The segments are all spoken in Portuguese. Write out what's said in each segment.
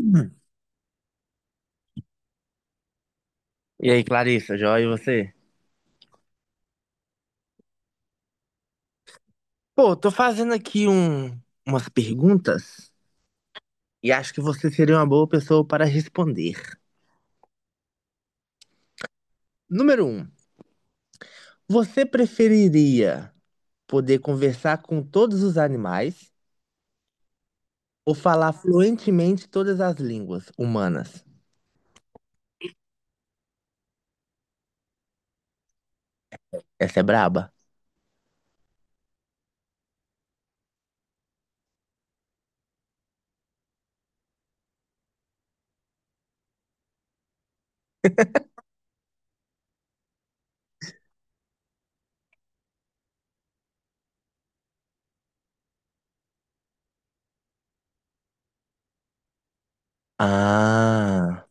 Hum. E aí, Clarissa, joia, e você? Pô, tô fazendo aqui umas perguntas e acho que você seria uma boa pessoa para responder. Número um, você preferiria poder conversar com todos os animais ou falar fluentemente todas as línguas humanas? Essa é braba? Ah,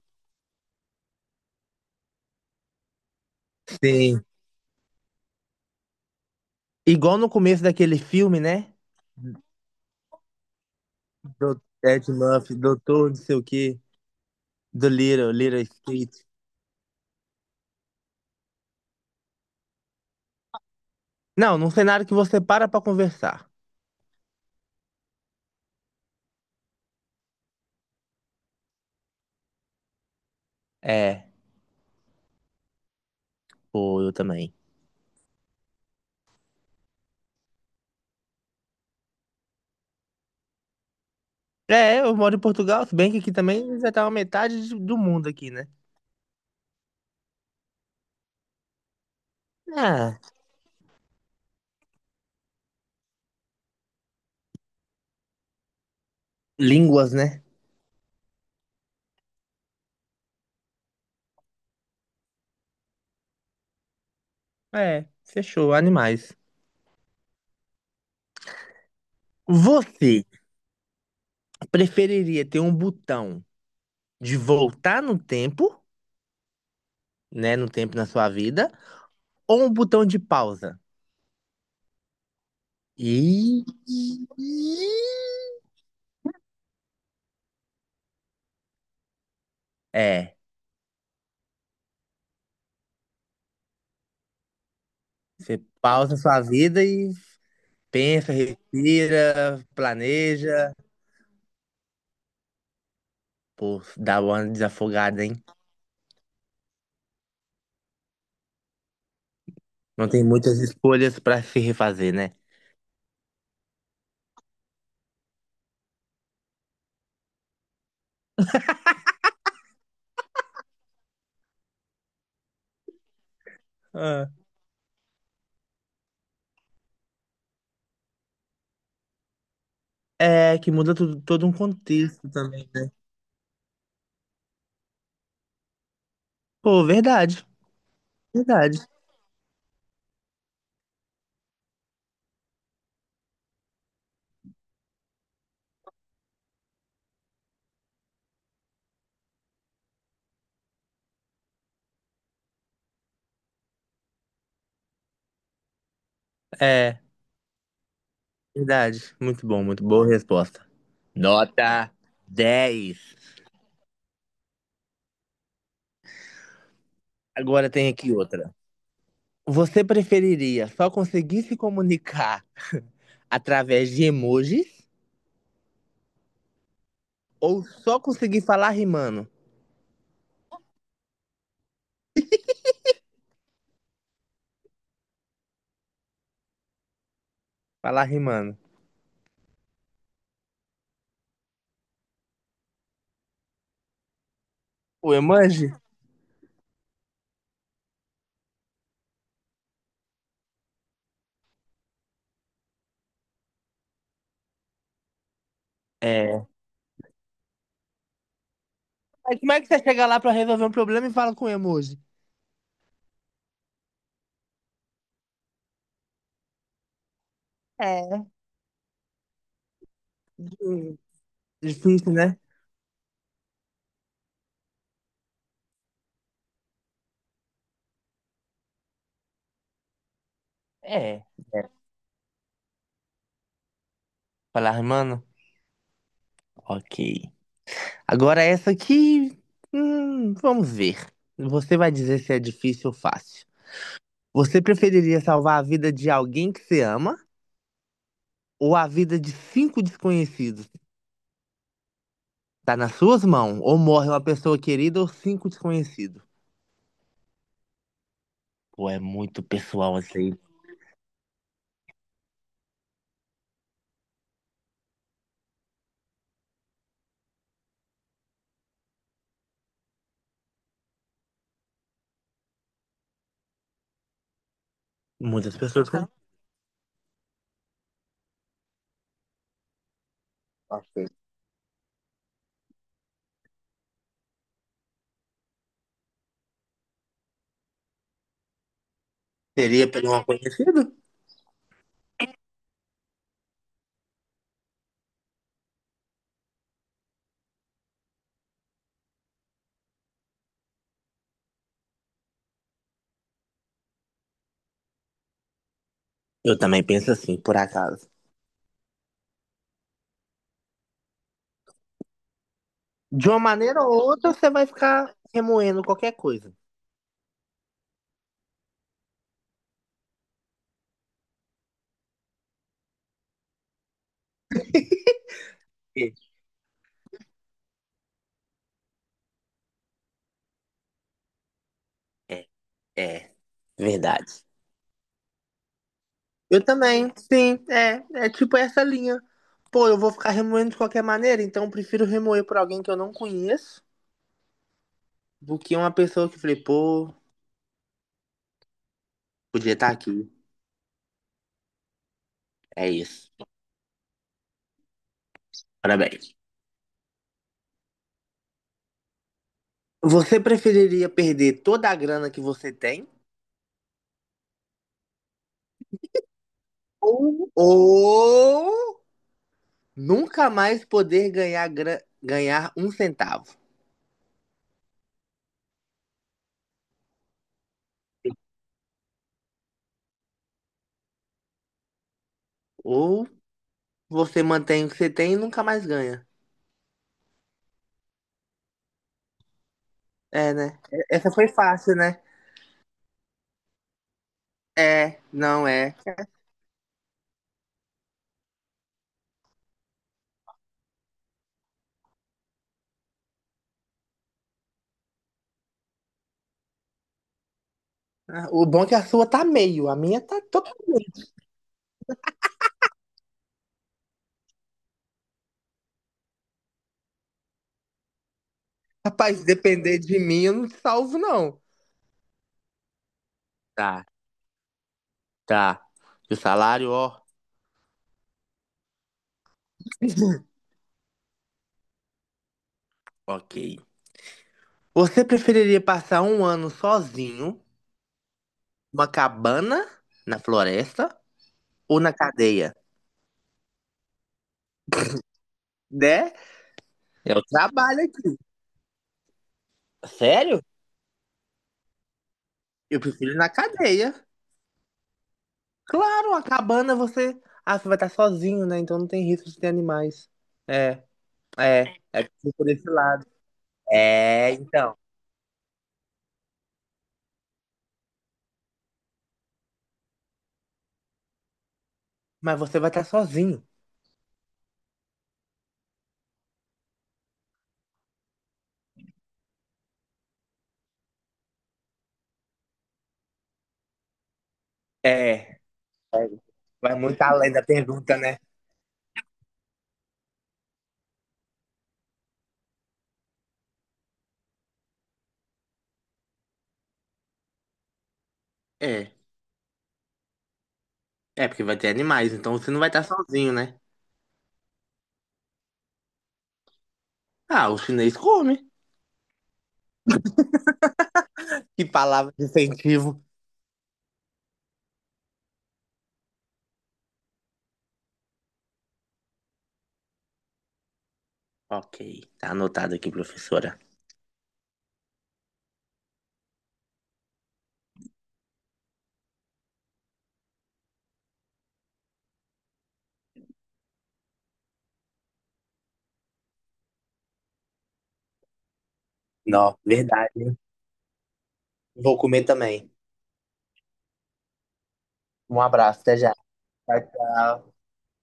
sim. Igual no começo daquele filme, né? Do Ed Murphy, Doutor, não sei o quê, do Little, Little Street. Não, num cenário que você para pra conversar. É. Pô, eu também. É, eu moro em Portugal, se bem que aqui também já tava metade do mundo aqui, né? Ah, línguas, né? É, fechou, animais. Você preferiria ter um botão de voltar no tempo, né, no tempo na sua vida, ou um botão de pausa? E é, você pausa sua vida e pensa, respira, planeja. Pô, dá uma desafogada, hein? Não tem muitas escolhas pra se refazer, né? Ah. É, que muda tudo, todo um contexto também, né? Pô, verdade, verdade. É, verdade. Muito bom, muito boa resposta. Nota 10. Agora tem aqui outra. Você preferiria só conseguir se comunicar através de emojis ou só conseguir falar rimando? Falar rimando. O emoji? É. Mas como é que você chega lá pra resolver um problema e fala com emoji? É. Hum, difícil, né? É. É. Falar rimando? Ok. Agora essa aqui, vamos ver. Você vai dizer se é difícil ou fácil. Você preferiria salvar a vida de alguém que você ama ou a vida de cinco desconhecidos? Tá nas suas mãos. Ou morre uma pessoa querida ou cinco desconhecidos. Pô, é muito pessoal isso aí. Muitas pessoas. Ok. Seria por um conhecido? Eu também penso assim, por acaso. De uma maneira ou outra, você vai ficar remoendo qualquer coisa. É, é, é, verdade. Eu também, sim, é, tipo essa linha. Pô, eu vou ficar remoendo de qualquer maneira, então eu prefiro remoer por alguém que eu não conheço do que uma pessoa que eu falei, pô, podia estar aqui. É isso. Parabéns. Você preferiria perder toda a grana que você tem ou nunca mais poder ganhar, ganhar um centavo? Ou você mantém o que você tem e nunca mais ganha. É, né? Essa foi fácil, né? É, não é. Ah, o bom é que a sua tá meio, a minha tá totalmente. Rapaz, se depender de mim, eu não te salvo, não. Tá, tá. E o salário, ó. Ok. Você preferiria passar um ano sozinho, numa cabana, na floresta ou na cadeia? Né? Eu trabalho aqui. Sério? Eu prefiro na cadeia. Claro, a cabana você. Ah, você vai estar sozinho, né? Então não tem risco de ter animais. É, é. É por esse lado. É, então. Mas você vai estar sozinho. É, é. Vai muito além da pergunta, né? É. É, porque vai ter animais, então você não vai estar sozinho, né? Ah, o chinês come. Que palavra de incentivo. Ok, tá anotado aqui, professora. Não, verdade. Vou comer também. Um abraço, até já. Tchau, tchau.